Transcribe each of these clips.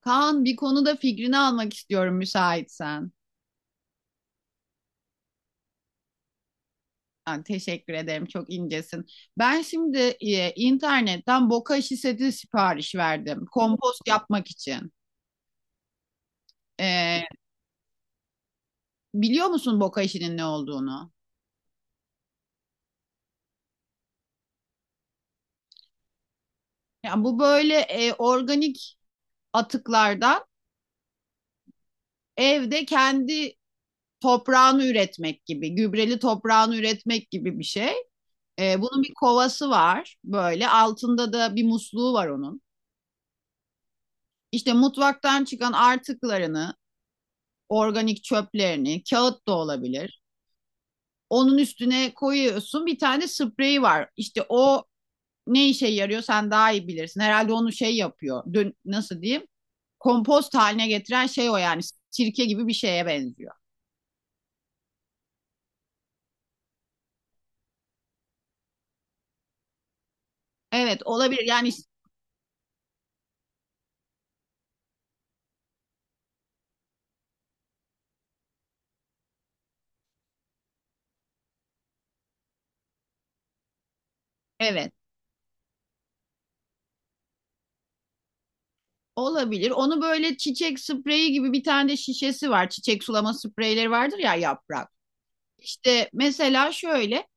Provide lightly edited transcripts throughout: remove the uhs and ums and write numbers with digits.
Kaan, bir konuda fikrini almak istiyorum müsaitsen. Ha, teşekkür ederim, çok incesin. Ben şimdi internetten boka işi seti sipariş verdim. Kompost yapmak için. E, Biliyor musun boka işinin ne olduğunu? Yani bu böyle organik atıklardan evde kendi toprağını üretmek gibi, gübreli toprağını üretmek gibi bir şey. Bunun bir kovası var, böyle altında da bir musluğu var onun. İşte mutfaktan çıkan artıklarını, organik çöplerini, kağıt da olabilir. Onun üstüne koyuyorsun, bir tane spreyi var. İşte o ne işe yarıyor sen daha iyi bilirsin. Herhalde onu şey yapıyor. Dün nasıl diyeyim? Kompost haline getiren şey o yani. Sirke gibi bir şeye benziyor. Evet olabilir yani evet olabilir. Onu böyle çiçek spreyi gibi bir tane de şişesi var. Çiçek sulama spreyleri vardır ya, yaprak. İşte mesela şöyle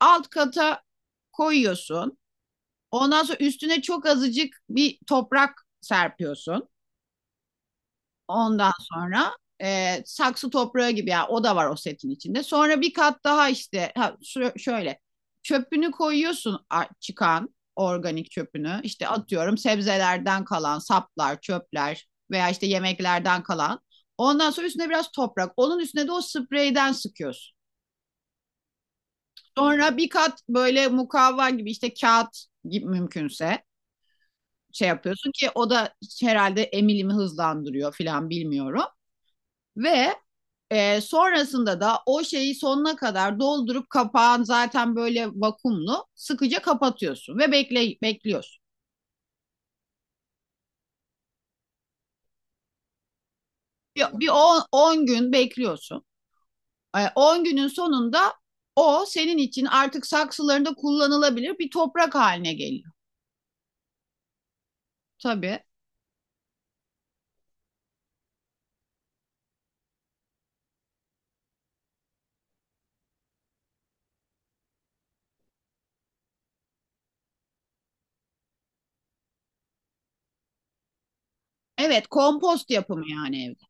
alt kata koyuyorsun. Ondan sonra üstüne çok azıcık bir toprak serpiyorsun. Ondan sonra saksı toprağı gibi ya, yani o da var o setin içinde. Sonra bir kat daha işte ha, şöyle çöpünü koyuyorsun, çıkan organik çöpünü. İşte atıyorum, sebzelerden kalan saplar, çöpler veya işte yemeklerden kalan. Ondan sonra üstüne biraz toprak. Onun üstüne de o spreyden sıkıyorsun. Sonra bir kat böyle mukavva gibi işte kağıt gibi mümkünse şey yapıyorsun ki o da herhalde emilimi hızlandırıyor filan, bilmiyorum. Ve sonrasında da o şeyi sonuna kadar doldurup kapağın zaten böyle vakumlu, sıkıca kapatıyorsun ve bekliyorsun. Bir 10 gün bekliyorsun. 10 günün sonunda o senin için artık saksılarında kullanılabilir bir toprak haline geliyor. Tabii. Evet, kompost yapımı yani evde.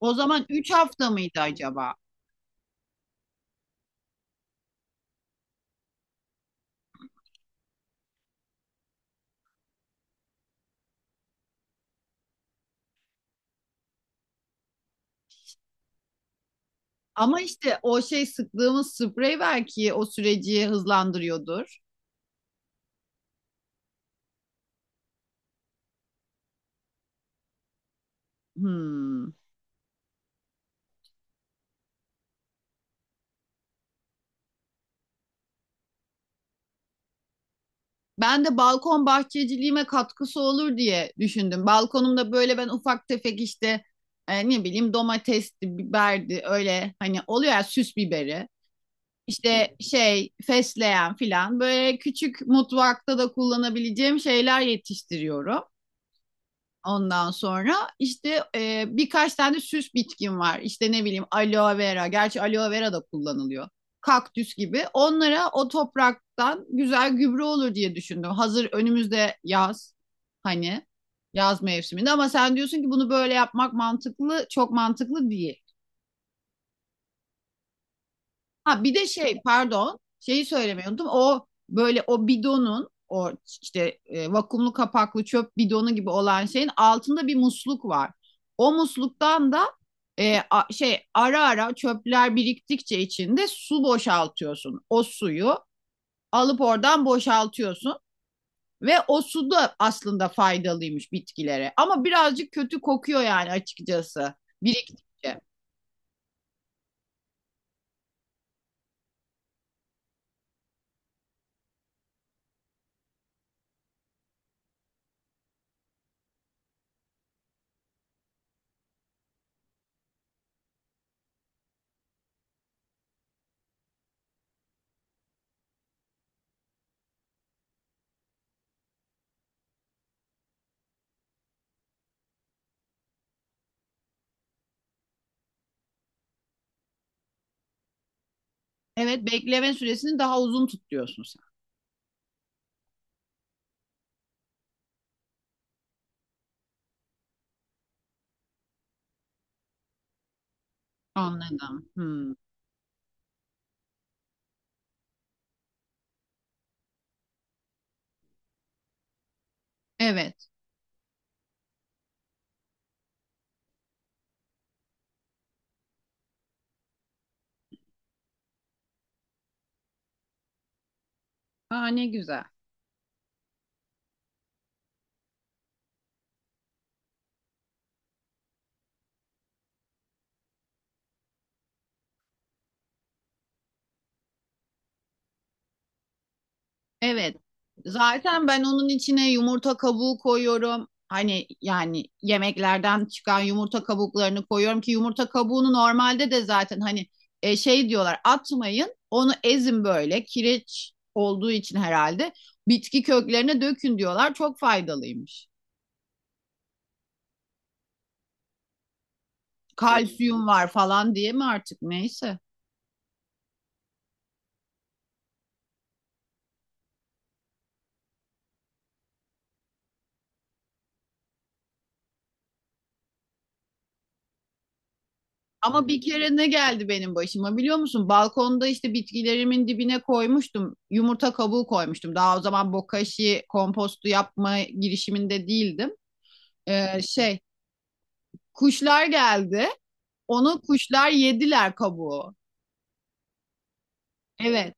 O zaman 3 hafta mıydı acaba? Ama işte o şey sıktığımız sprey belki o süreci hızlandırıyordur. Hmm. Ben de balkon bahçeciliğime katkısı olur diye düşündüm. Balkonumda böyle ben ufak tefek işte ne bileyim domatesti, biberdi, öyle hani oluyor ya süs biberi. İşte şey fesleğen filan, böyle küçük mutfakta da kullanabileceğim şeyler yetiştiriyorum. Ondan sonra işte birkaç tane süs bitkin var. İşte ne bileyim, aloe vera. Gerçi aloe vera da kullanılıyor. Kaktüs gibi. Onlara o topraktan güzel gübre olur diye düşündüm. Hazır önümüzde yaz. Hani yaz mevsiminde, ama sen diyorsun ki bunu böyle yapmak mantıklı, çok mantıklı değil. Ha, bir de şey, pardon, şeyi söylemeyi unuttum. O böyle o bidonun o işte vakumlu kapaklı çöp bidonu gibi olan şeyin altında bir musluk var. O musluktan da şey, ara ara çöpler biriktikçe içinde su, boşaltıyorsun. O suyu alıp oradan boşaltıyorsun ve o su da aslında faydalıymış bitkilere. Ama birazcık kötü kokuyor yani, açıkçası biriktikçe. Evet, bekleme süresini daha uzun tutuyorsun sen. Anladım. Hmm. Evet. Aa, ne güzel. Evet. Zaten ben onun içine yumurta kabuğu koyuyorum. Hani yani yemeklerden çıkan yumurta kabuklarını koyuyorum, ki yumurta kabuğunu normalde de zaten hani şey diyorlar, atmayın onu, ezin, böyle kireç olduğu için herhalde bitki köklerine dökün diyorlar, çok faydalıymış. Evet. Kalsiyum var falan diye mi artık, neyse. Ama bir kere ne geldi benim başıma biliyor musun? Balkonda işte bitkilerimin dibine koymuştum. Yumurta kabuğu koymuştum. Daha o zaman bokashi kompostu yapma girişiminde değildim. Şey, kuşlar geldi. Onu kuşlar yediler, kabuğu. Evet.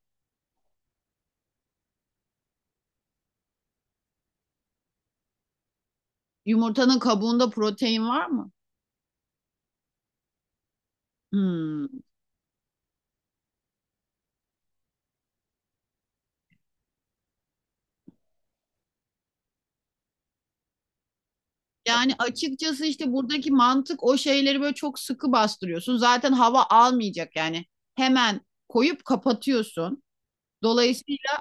Yumurtanın kabuğunda protein var mı? Hmm. Yani açıkçası işte buradaki mantık, o şeyleri böyle çok sıkı bastırıyorsun. Zaten hava almayacak yani. Hemen koyup kapatıyorsun. Dolayısıyla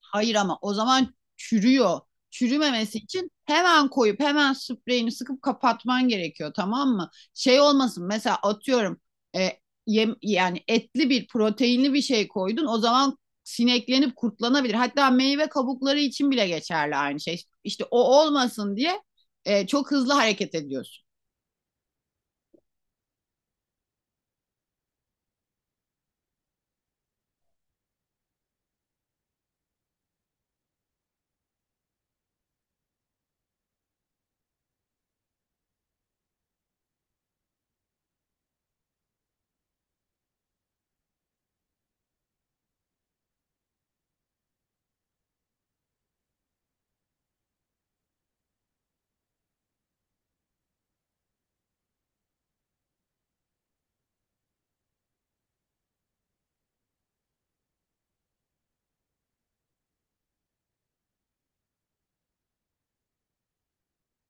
hayır, ama o zaman çürüyor. Çürümemesi için hemen koyup hemen spreyini sıkıp kapatman gerekiyor, tamam mı? Şey olmasın, mesela atıyorum e, yem, yani etli bir, proteinli bir şey koydun, o zaman sineklenip kurtlanabilir. Hatta meyve kabukları için bile geçerli aynı şey. İşte o olmasın diye çok hızlı hareket ediyorsun.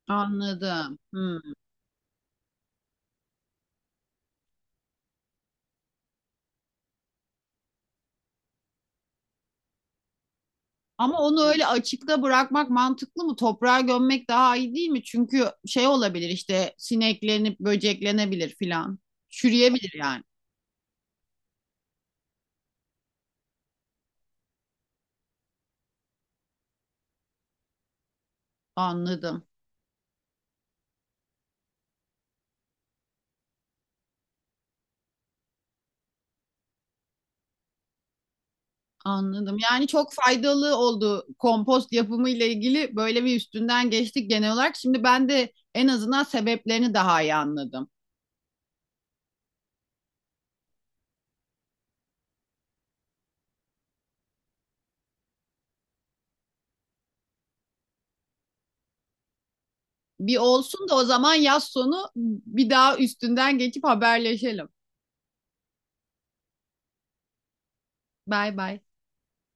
Anladım. Hmm. Ama onu öyle açıkta bırakmak mantıklı mı? Toprağa gömmek daha iyi değil mi? Çünkü şey olabilir işte, sineklenip böceklenebilir filan. Çürüyebilir yani. Anladım. Anladım. Yani çok faydalı oldu, kompost yapımı ile ilgili böyle bir üstünden geçtik genel olarak. Şimdi ben de en azından sebeplerini daha iyi anladım. Bir olsun da o zaman yaz sonu bir daha üstünden geçip haberleşelim. Bay bay.